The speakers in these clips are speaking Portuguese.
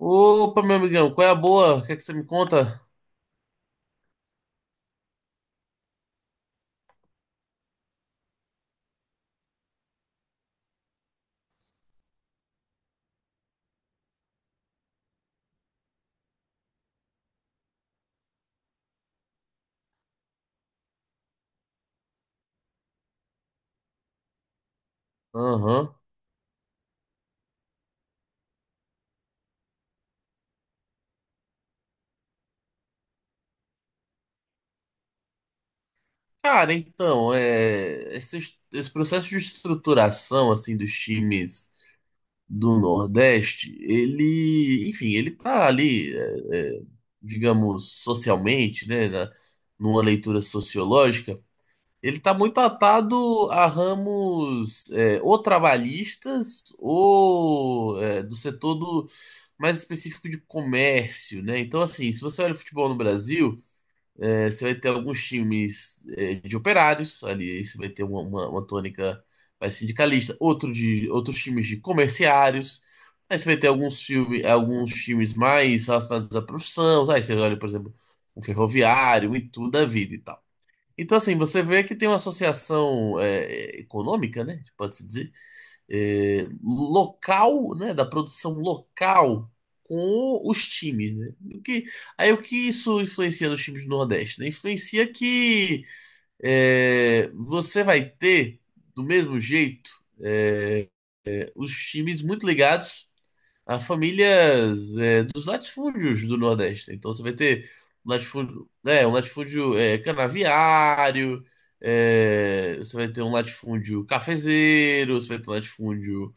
Opa, meu amigão, qual é a boa? O que é que você me conta? Aham. Cara, então, esse processo de estruturação, assim, dos times do Nordeste, ele, enfim, ele tá ali, digamos, socialmente, né, numa leitura sociológica, ele tá muito atado a ramos ou trabalhistas ou do setor do, mais específico de comércio, né? Então, assim, se você olha o futebol no Brasil, você vai ter alguns times de operários, ali aí você vai ter uma tônica mais sindicalista, outros times de comerciários, aí você vai ter alguns times mais relacionados à profissão, aí você olha, por exemplo, um ferroviário e tudo da vida e tal. Então, assim, você vê que tem uma associação econômica, né? Pode-se dizer, local, né? Da produção local com os times, né? Aí o que isso influencia nos times do Nordeste, né? Influencia que você vai ter, do mesmo jeito, é, os times muito ligados a famílias, dos latifúndios do Nordeste. Então você vai ter um latifúndio, um latifúndio, canaviário, você vai ter um latifúndio cafezeiro, você vai ter um latifúndio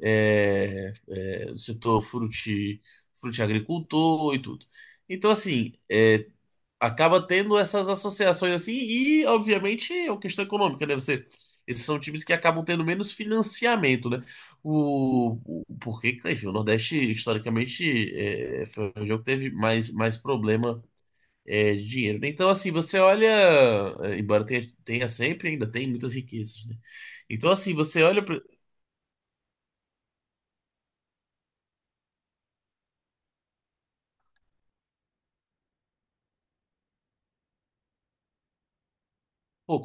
do setor fruti, frutiagricultor e tudo. Então, assim, acaba tendo essas associações assim, e obviamente é uma questão econômica, né? Esses são times que acabam tendo menos financiamento, né? Porque, enfim, o Nordeste, historicamente, foi um jogo que teve mais problema de dinheiro, né? Então, assim, você olha, embora tenha sempre, ainda tem muitas riquezas, né? Então, assim, você olha, pô,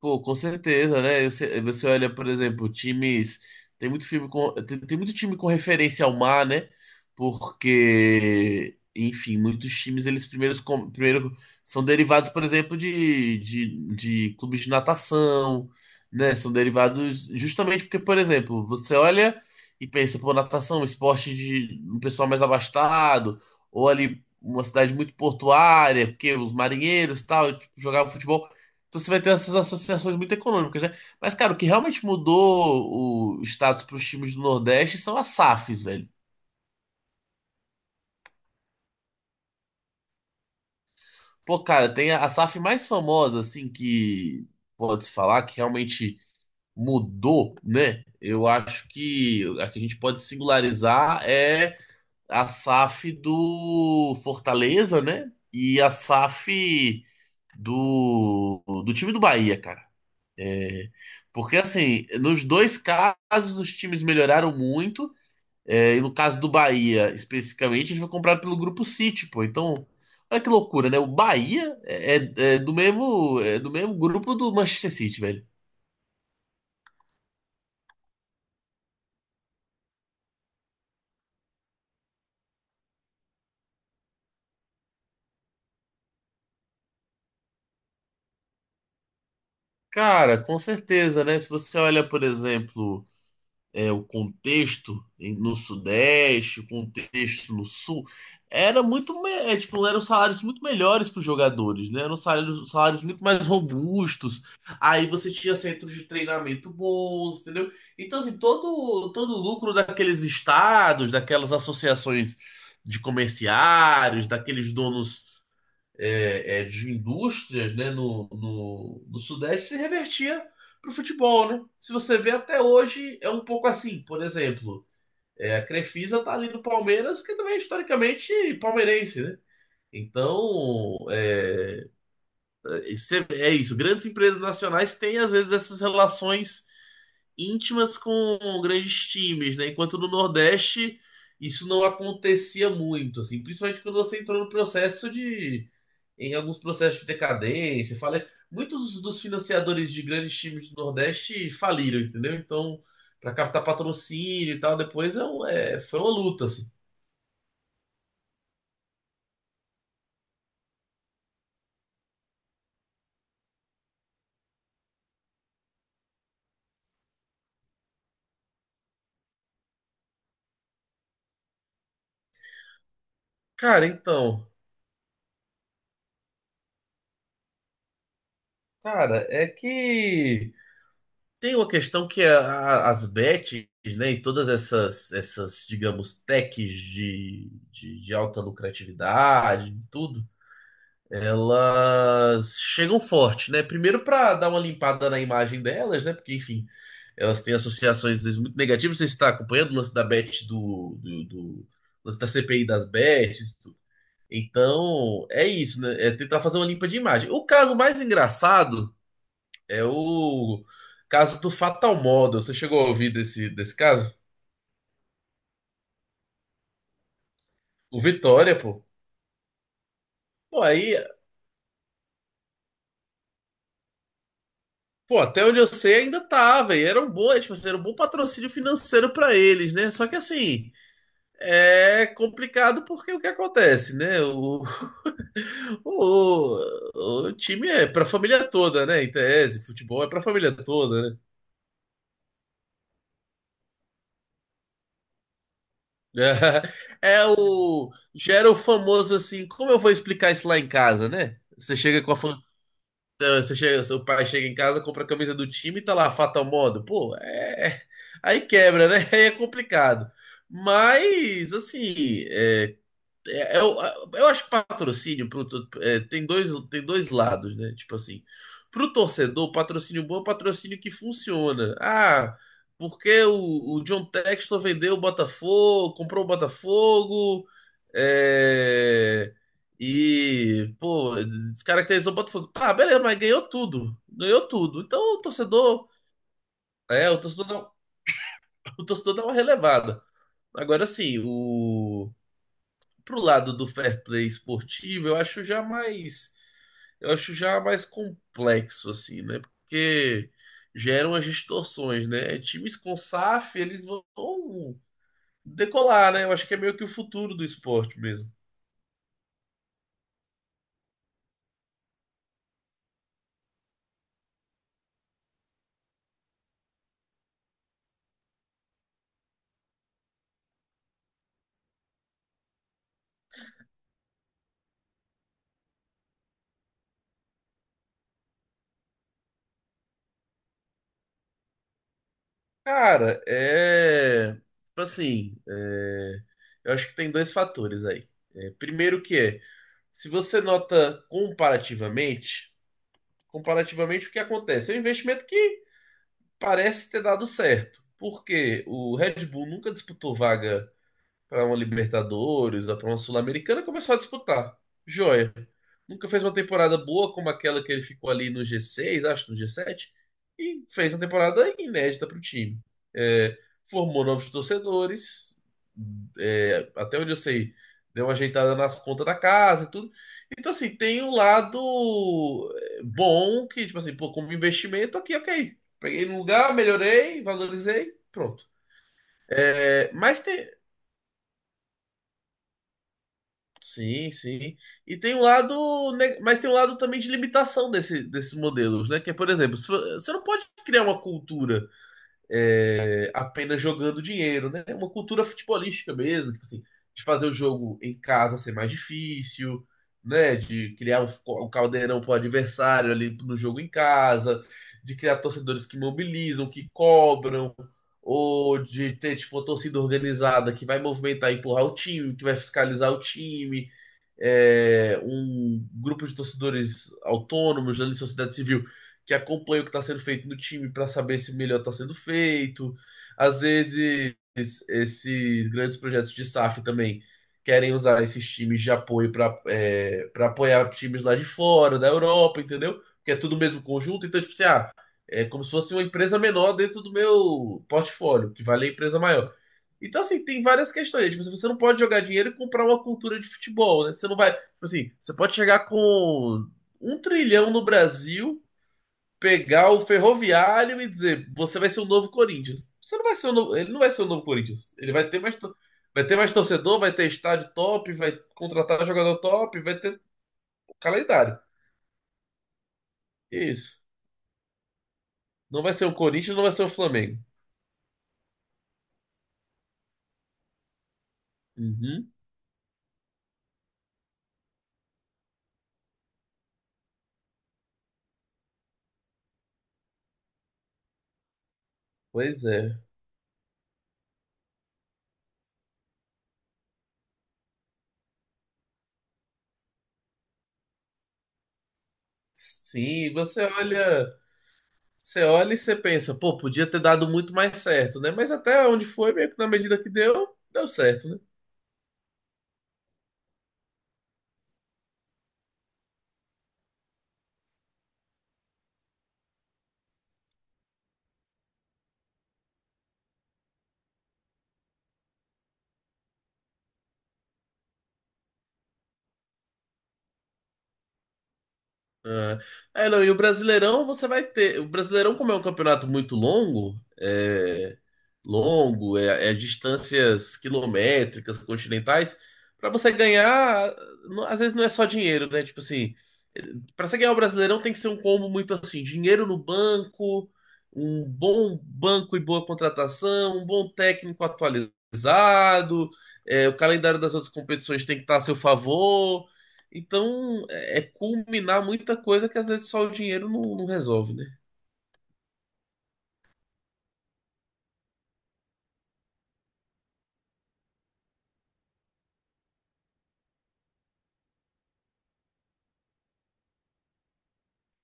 Pô, com certeza, né? Você olha, por exemplo, times. Tem muito filme com, tem muito time com referência ao mar, né? Porque, enfim, muitos times primeiro são derivados, por exemplo, de clubes de natação, né? São derivados justamente porque, por exemplo, você olha e pensa, pô, natação, esporte de um pessoal mais abastado, ou ali uma cidade muito portuária, porque os marinheiros e tal, tipo, jogavam futebol. Então você vai ter essas associações muito econômicas, né? Mas, cara, o que realmente mudou o status para os times do Nordeste são as SAFs, velho. Pô, cara, tem a SAF mais famosa, assim, que pode-se falar que realmente mudou, né? Eu acho que a gente pode singularizar é a SAF do Fortaleza, né? E a SAF do time do Bahia, cara. Porque, assim, nos dois casos os times melhoraram muito. É, e no caso do Bahia, especificamente, ele foi comprado pelo Grupo City, pô. Então, olha que loucura, né? O Bahia é do mesmo grupo do Manchester City, velho. Cara, com certeza, né? Se você olha, por exemplo, o contexto no Sudeste, o contexto no Sul, era muito, tipo, eram salários muito melhores para os jogadores, né? Eram salários muito mais robustos. Aí você tinha centros de treinamento bons, entendeu? Então, assim, todo o lucro daqueles estados, daquelas associações de comerciários, daqueles donos de indústrias, né, no Sudeste se revertia para o futebol, né? Se você vê até hoje, é um pouco assim. Por exemplo, a Crefisa tá ali no Palmeiras, porque também é historicamente palmeirense, né? Então, isso é, é isso. Grandes empresas nacionais têm, às vezes, essas relações íntimas com grandes times, né? Enquanto no Nordeste isso não acontecia muito, assim, principalmente quando você entrou no processo de, em alguns processos de decadência, falece. Muitos dos financiadores de grandes times do Nordeste faliram, entendeu? Então, para captar patrocínio e tal, depois foi uma luta, assim. Cara, então, cara, é que tem uma questão que as bets, né, e todas essas, essas, digamos, techs de alta lucratividade, tudo, elas chegam forte, né? Primeiro para dar uma limpada na imagem delas, né? Porque, enfim, elas têm associações às vezes muito negativas. Você está acompanhando o lance da bet do, do, do o lance da CPI das bets, tudo. Então, é isso, né? É tentar fazer uma limpa de imagem. O caso mais engraçado é o caso do Fatal Model. Você chegou a ouvir desse, desse caso? O Vitória, pô. Pô, aí, pô, até onde eu sei ainda tá, velho. Era um bom, tipo, assim, era um bom patrocínio financeiro pra eles, né? Só que assim, é complicado porque o que acontece, né? O, o time é pra família toda, né? Em tese, futebol é pra família toda, né? É, o. Gera o famoso assim, como eu vou explicar isso lá em casa, né? Você chega com Então, você chega, seu pai chega em casa, compra a camisa do time e tá lá, Fatal Modo. Pô, é. Aí quebra, né? Aí é complicado. Mas, assim, é, eu, eu acho que patrocínio tem tem dois lados, né? Tipo assim, pro torcedor, patrocínio bom é patrocínio que funciona. Ah, porque o John Textor vendeu o Botafogo, comprou o Botafogo, é, e, pô, descaracterizou o Botafogo. Tá, beleza, mas ganhou tudo. Ganhou tudo. Então o torcedor o torcedor dá uma relevada. Agora sim, o pro lado do fair play esportivo, eu acho já mais complexo assim, né? Porque geram as distorções, né? Times com SAF, eles vão decolar, né? Eu acho que é meio que o futuro do esporte mesmo. Cara, é, tipo assim, eu acho que tem dois fatores aí. É, primeiro que é, se você nota comparativamente, comparativamente o que acontece? É um investimento que parece ter dado certo, porque o Red Bull nunca disputou vaga para uma Libertadores ou para uma Sul-Americana, começou a disputar. Joia. Nunca fez uma temporada boa como aquela que ele ficou ali no G6, acho, no G7, e fez uma temporada inédita para o time. É, formou novos torcedores, até onde eu sei, deu uma ajeitada nas contas da casa e tudo. Então, assim, tem um lado bom que, tipo assim, pô, como investimento aqui, ok. Peguei no lugar, melhorei, valorizei, pronto. É, mas tem, sim, sim. E tem um lado, mas tem um lado também de limitação desse, desses modelos, né? Que é, por exemplo, se vo- você não pode criar uma cultura apenas jogando dinheiro, né? Uma cultura futebolística mesmo, tipo assim, de fazer o jogo em casa ser mais difícil, né? De criar um caldeirão pro adversário ali no jogo em casa, de criar torcedores que mobilizam, que cobram, ou de ter, tipo, uma torcida organizada que vai movimentar e empurrar o time, que vai fiscalizar o time, um grupo de torcedores autônomos da sociedade civil que acompanha o que está sendo feito no time para saber se melhor está sendo feito. Às vezes, esses grandes projetos de SAF também querem usar esses times de apoio para para apoiar times lá de fora, da Europa, entendeu? Porque é tudo o mesmo conjunto, então, tipo assim, ah, é como se fosse uma empresa menor dentro do meu portfólio, que vale a empresa maior. Então, assim, tem várias questões, né? Tipo, assim, você não pode jogar dinheiro e comprar uma cultura de futebol, né? Você não vai. Tipo assim, você pode chegar com um trilhão no Brasil, pegar o Ferroviário e dizer, você vai ser o novo Corinthians. Você não vai ser o novo, ele não vai ser o novo Corinthians. Ele vai ter mais, vai ter mais torcedor, vai ter estádio top, vai contratar jogador top, vai ter calendário. Isso. Não vai ser o Corinthians, não vai ser o Flamengo. Uhum. Pois é. Sim, você olha. Você olha e você pensa, pô, podia ter dado muito mais certo, né? Mas até onde foi, meio que na medida que deu, deu certo, né? Ah, é, não, e o Brasileirão você vai ter. O Brasileirão, como é um campeonato muito longo, é distâncias quilométricas, continentais, pra você ganhar, às vezes não é só dinheiro, né? Tipo assim, pra você ganhar o Brasileirão tem que ser um combo muito assim, dinheiro no banco, um bom banco e boa contratação, um bom técnico atualizado, o calendário das outras competições tem que estar a seu favor. Então, é culminar muita coisa que às vezes só o dinheiro não resolve, né?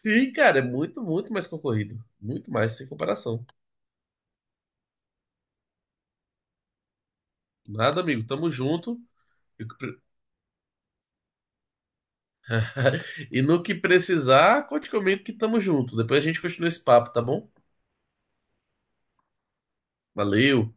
Sim, cara, é muito, muito mais concorrido. Muito mais, sem comparação. Nada, amigo, tamo junto. E que pre- e no que precisar, conte comigo que tamo junto. Depois a gente continua esse papo, tá bom? Valeu!